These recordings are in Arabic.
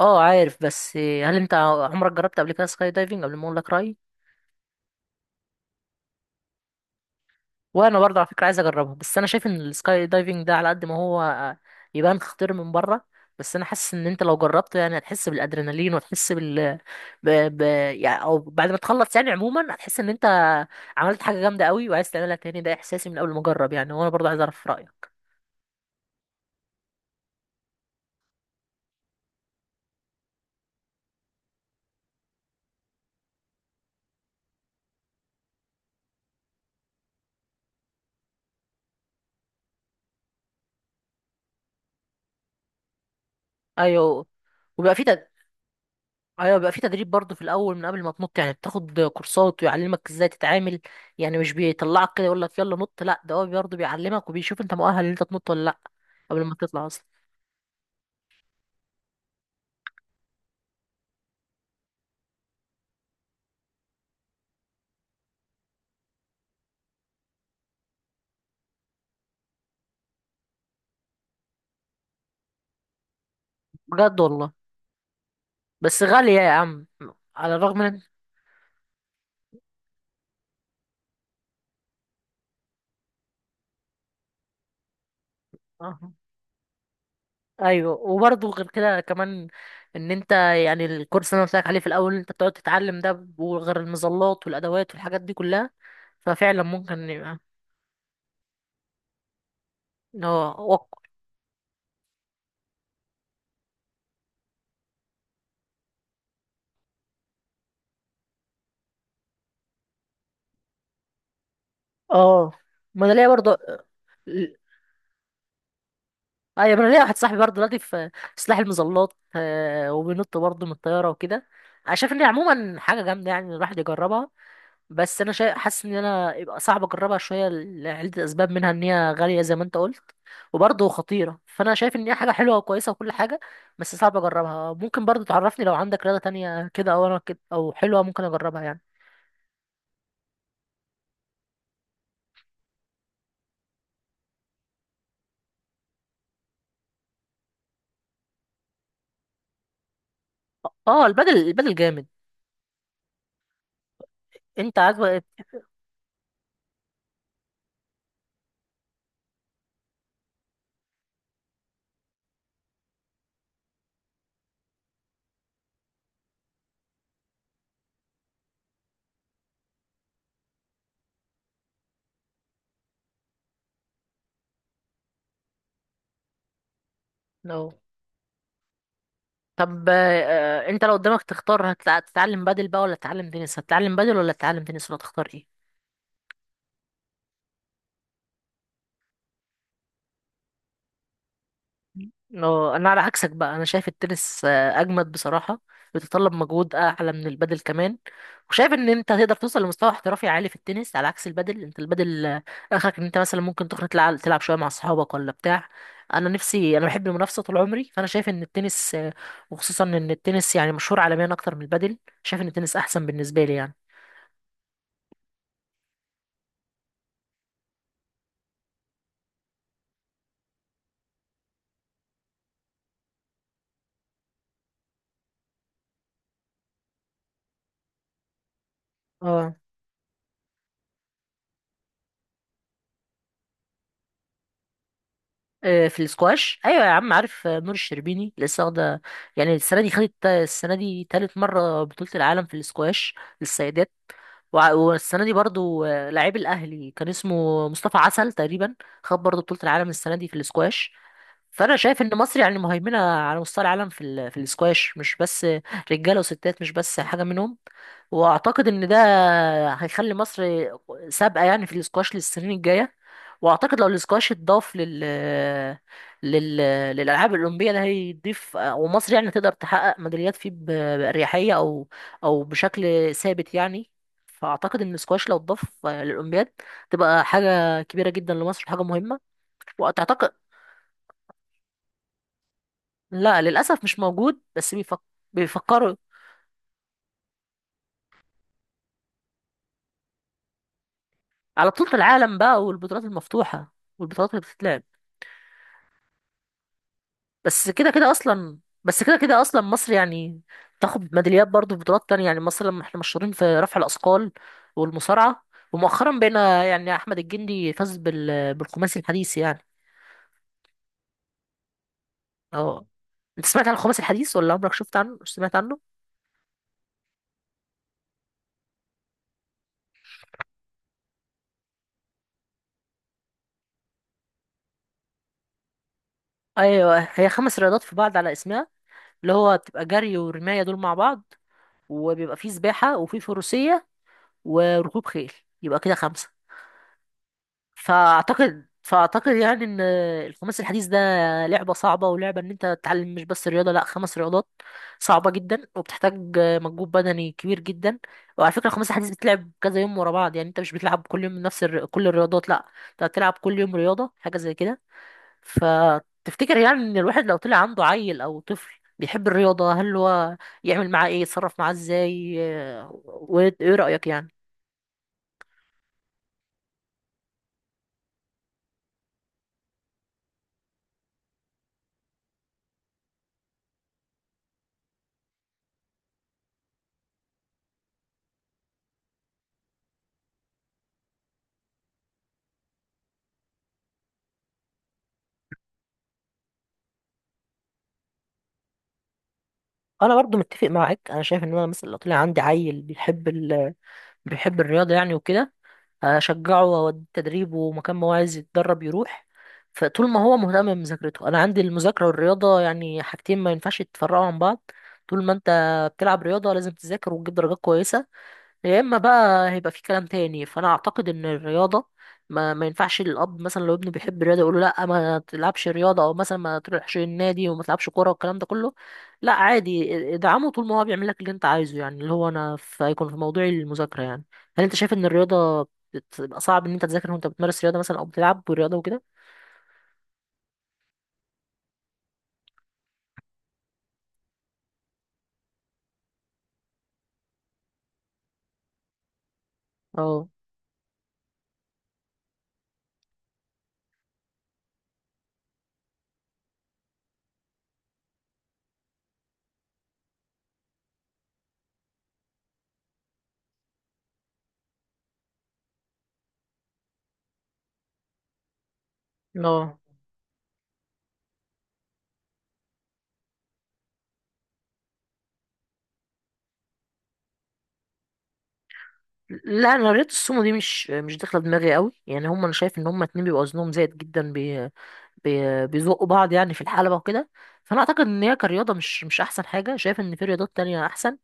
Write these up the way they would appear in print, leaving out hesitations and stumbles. اه، عارف. بس هل انت عمرك جربت قبل كده سكاي دايفنج قبل ما اقول لك رايي؟ وانا برضه على فكره عايز اجربها، بس انا شايف ان السكاي دايفنج ده على قد ما هو يبان خطير من بره، بس انا حاسس ان انت لو جربته يعني هتحس بالادرينالين وتحس بال ب... ب... يعني او بعد ما تخلص، يعني عموما هتحس ان انت عملت حاجه جامده قوي وعايز تعملها تاني. ده احساسي من اول ما اجرب يعني، وانا برضه عايز اعرف رايك. ايوه. وبيبقى في ايوه بيبقى في تدريب برضه في الاول من قبل ما تنط، يعني بتاخد كورسات ويعلمك ازاي تتعامل. يعني مش بيطلعك كده يقول لك يلا نط، لا ده هو برضه بيعلمك وبيشوف انت مؤهل ان انت تنط ولا لا. قبل ما تطلع اصلا. بجد والله؟ بس غالية يا عم. على الرغم من اه ايوه، وبرضه غير كده كمان ان انت يعني الكورس اللي انا قلت لك عليه في الاول انت بتقعد تتعلم ده، وغير المظلات والادوات والحاجات دي كلها، ففعلا ممكن يبقى اه اه، ما انا ليا برضه ايوه. انا ليا واحد صاحبي برضه دلوقتي في سلاح المظلات وبينط برضه من الطياره وكده. انا شايف ان هي عموما حاجه جامده يعني إن الواحد يجربها، بس حاسس ان انا يبقى صعب اجربها شويه لعده اسباب، منها ان هي غاليه زي ما انت قلت وبرضه خطيره. فانا شايف ان هي حاجه حلوه وكويسه وكل حاجه، بس صعب اجربها. ممكن برضه تعرفني لو عندك رياضه تانية كده، او انا كده، او حلوه ممكن اجربها يعني. اه، البدل، البدل جامد. انت عاجبك؟ لو طب انت لو قدامك تختار هتتعلم بادل بقى ولا تتعلم تنس؟ هتتعلم بادل ولا تتعلم تنس ولا تختار ايه؟ اه، انا على عكسك بقى. انا شايف التنس اجمد بصراحة. بيتطلب مجهود اعلى من البادل كمان، وشايف ان انت هتقدر توصل لمستوى احترافي عالي في التنس على عكس البادل. انت البادل اخرك ان انت مثلا ممكن تخرج تلعب شوية مع اصحابك ولا بتاع. انا نفسي، انا بحب المنافسة طول عمري، فانا شايف ان التنس وخصوصا ان التنس يعني مشهور عالميا اكتر من البادل. شايف ان التنس احسن بالنسبة لي يعني. اه في السكواش، ايوه يا عم عارف. نور الشربيني لسه واخده يعني السنه دي، خدت السنه دي تالت مره بطوله العالم في السكواش للسيدات. والسنه دي برضو لعيب الاهلي كان اسمه مصطفى عسل تقريبا، خد برضو بطوله العالم السنه دي في السكواش. فانا شايف ان مصر يعني مهيمنه على مستوى العالم في في الاسكواش، مش بس رجاله وستات، مش بس حاجه منهم. واعتقد ان ده هيخلي مصر سابقه يعني في الاسكواش للسنين الجايه. واعتقد لو الاسكواش اتضاف لل لل للالعاب الاولمبيه، ده هيضيف، ومصر يعني تقدر تحقق ميداليات فيه باريحيه او او بشكل ثابت يعني. فاعتقد ان الاسكواش لو اتضاف للاولمبياد تبقى حاجه كبيره جدا لمصر، وحاجه مهمه. وتعتقد لا، للأسف مش موجود. بس بيفكروا على بطولة العالم بقى والبطولات المفتوحة والبطولات اللي بتتلعب. بس كده كده أصلا بس كده كده أصلا مصر يعني تاخد ميداليات برضو في بطولات تانية. يعني مصر، لما احنا مشهورين في رفع الأثقال والمصارعة، ومؤخرا بقينا يعني أحمد الجندي فاز بالخماسي الحديث يعني. اه، أنت سمعت عن الخماسي الحديث، ولا عمرك شفت عنه مش سمعت عنه؟ أيوه، هي خمس رياضات في بعض على اسمها. اللي هو بتبقى جري ورماية دول مع بعض، وبيبقى فيه سباحة وفيه فروسية وركوب خيل، يبقى كده خمسة. فأعتقد يعني إن الخماسي الحديث ده لعبة صعبة، ولعبة إن أنت تتعلم مش بس رياضة، لأ، خمس رياضات. صعبة جدا وبتحتاج مجهود بدني كبير جدا. وعلى فكرة الخماسي الحديث بتلعب كذا يوم ورا بعض، يعني أنت مش بتلعب كل يوم نفس كل الرياضات، لأ، أنت هتلعب كل يوم رياضة حاجة زي كده. فتفتكر يعني إن الواحد لو طلع عنده عيل أو طفل بيحب الرياضة، هل هو يعمل معاه إيه، يتصرف معاه إزاي وإيه رأيك يعني؟ انا برضو متفق معاك. انا شايف ان انا مثلا لو طلع عندي عيل بيحب بيحب الرياضه يعني وكده، هشجعه واوديه تدريب، ومكان ما هو عايز يتدرب يروح. فطول ما هو مهتم بمذاكرته، انا عندي المذاكره والرياضه يعني حاجتين ما ينفعش يتفرقوا عن بعض. طول ما انت بتلعب رياضه، لازم تذاكر وتجيب درجات كويسه. يا اما بقى هيبقى في كلام تاني. فانا اعتقد ان الرياضه ما ينفعش الاب مثلا لو ابنه بيحب الرياضه يقول له لا ما تلعبش رياضه، او مثلا ما تروحش النادي وما تلعبش كوره والكلام ده كله، لا عادي، ادعمه طول ما هو بيعمل لك اللي انت عايزه يعني، اللي هو انا في هيكون في موضوع المذاكره يعني. هل انت شايف ان الرياضه بتبقى صعب ان انت تذاكر وانت بتمارس رياضه مثلا، او بتلعب رياضه وكده؟ اه اه، لا انا رياضه السومو دي مش داخله دماغي قوي يعني. هم انا شايف ان هم اتنين بيبقوا وزنهم زايد جدا، بي بي بيزقوا بعض يعني في الحلبه وكده. فانا اعتقد ان هي كرياضه مش احسن حاجه. شايف ان في رياضات تانية احسن.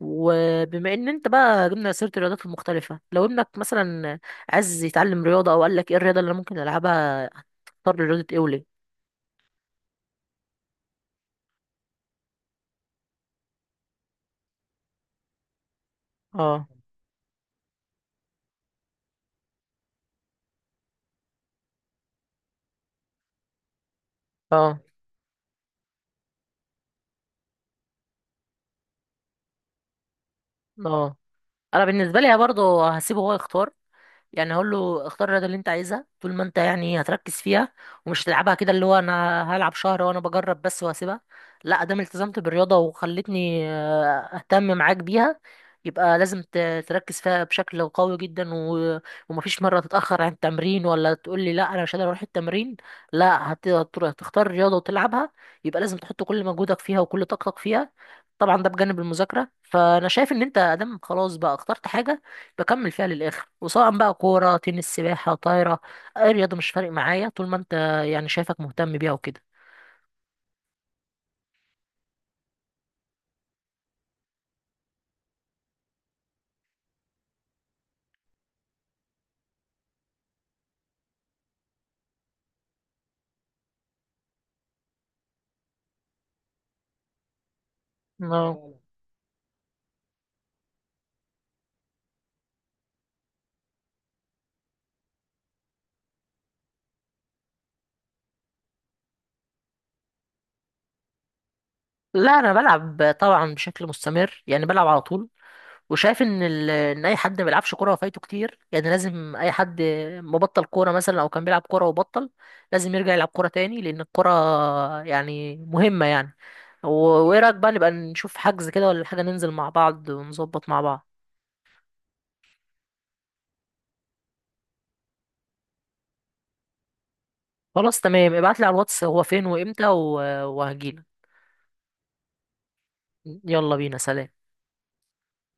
وبما ان انت بقى جبنا سيره الرياضات المختلفه، لو ابنك مثلا عايز يتعلم رياضه، او قال لك ايه الرياضه اللي أنا ممكن العبها، هتختار رياضه ايه وليه؟ اه اه اه، انا بالنسبه لي برضه هسيبه هو يختار. يعني هقول له اختار الرياضه اللي انت عايزها، طول ما انت يعني هتركز فيها، ومش هتلعبها كده اللي هو انا هلعب شهر وانا بجرب بس وهسيبها، لا. ادام التزمت بالرياضه وخلتني اهتم معاك بيها، يبقى لازم تركز فيها بشكل قوي جدا ومفيش مره تتاخر عن التمرين، ولا تقول لي لا انا مش قادر اروح التمرين، لا هتختار الرياضه وتلعبها. يبقى لازم تحط كل مجهودك فيها وكل طاقتك فيها. طبعا ده بجانب المذاكرة. فأنا شايف إن أنت أدام خلاص بقى اخترت حاجة، بكمل فيها للآخر. وسواء بقى كورة، تنس، سباحة، طايرة، أي رياضة مش فارق معايا، طول ما أنت يعني شايفك مهتم بيها وكده. اه، لا أنا بلعب طبعا بشكل مستمر يعني، بلعب على طول. وشايف ان ان اي حد ما بيلعبش كوره فايته كتير يعني. لازم اي حد مبطل كوره مثلا، او كان بيلعب كوره وبطل، لازم يرجع يلعب كوره تاني، لان الكوره يعني مهمه يعني. و- وايه رايك بقى نبقى نشوف حجز كده، ولا حاجه ننزل مع بعض ونظبط مع بعض؟ خلاص تمام، ابعت لي على الواتس هو فين وامتى وهجيلك. يلا بينا، سلام.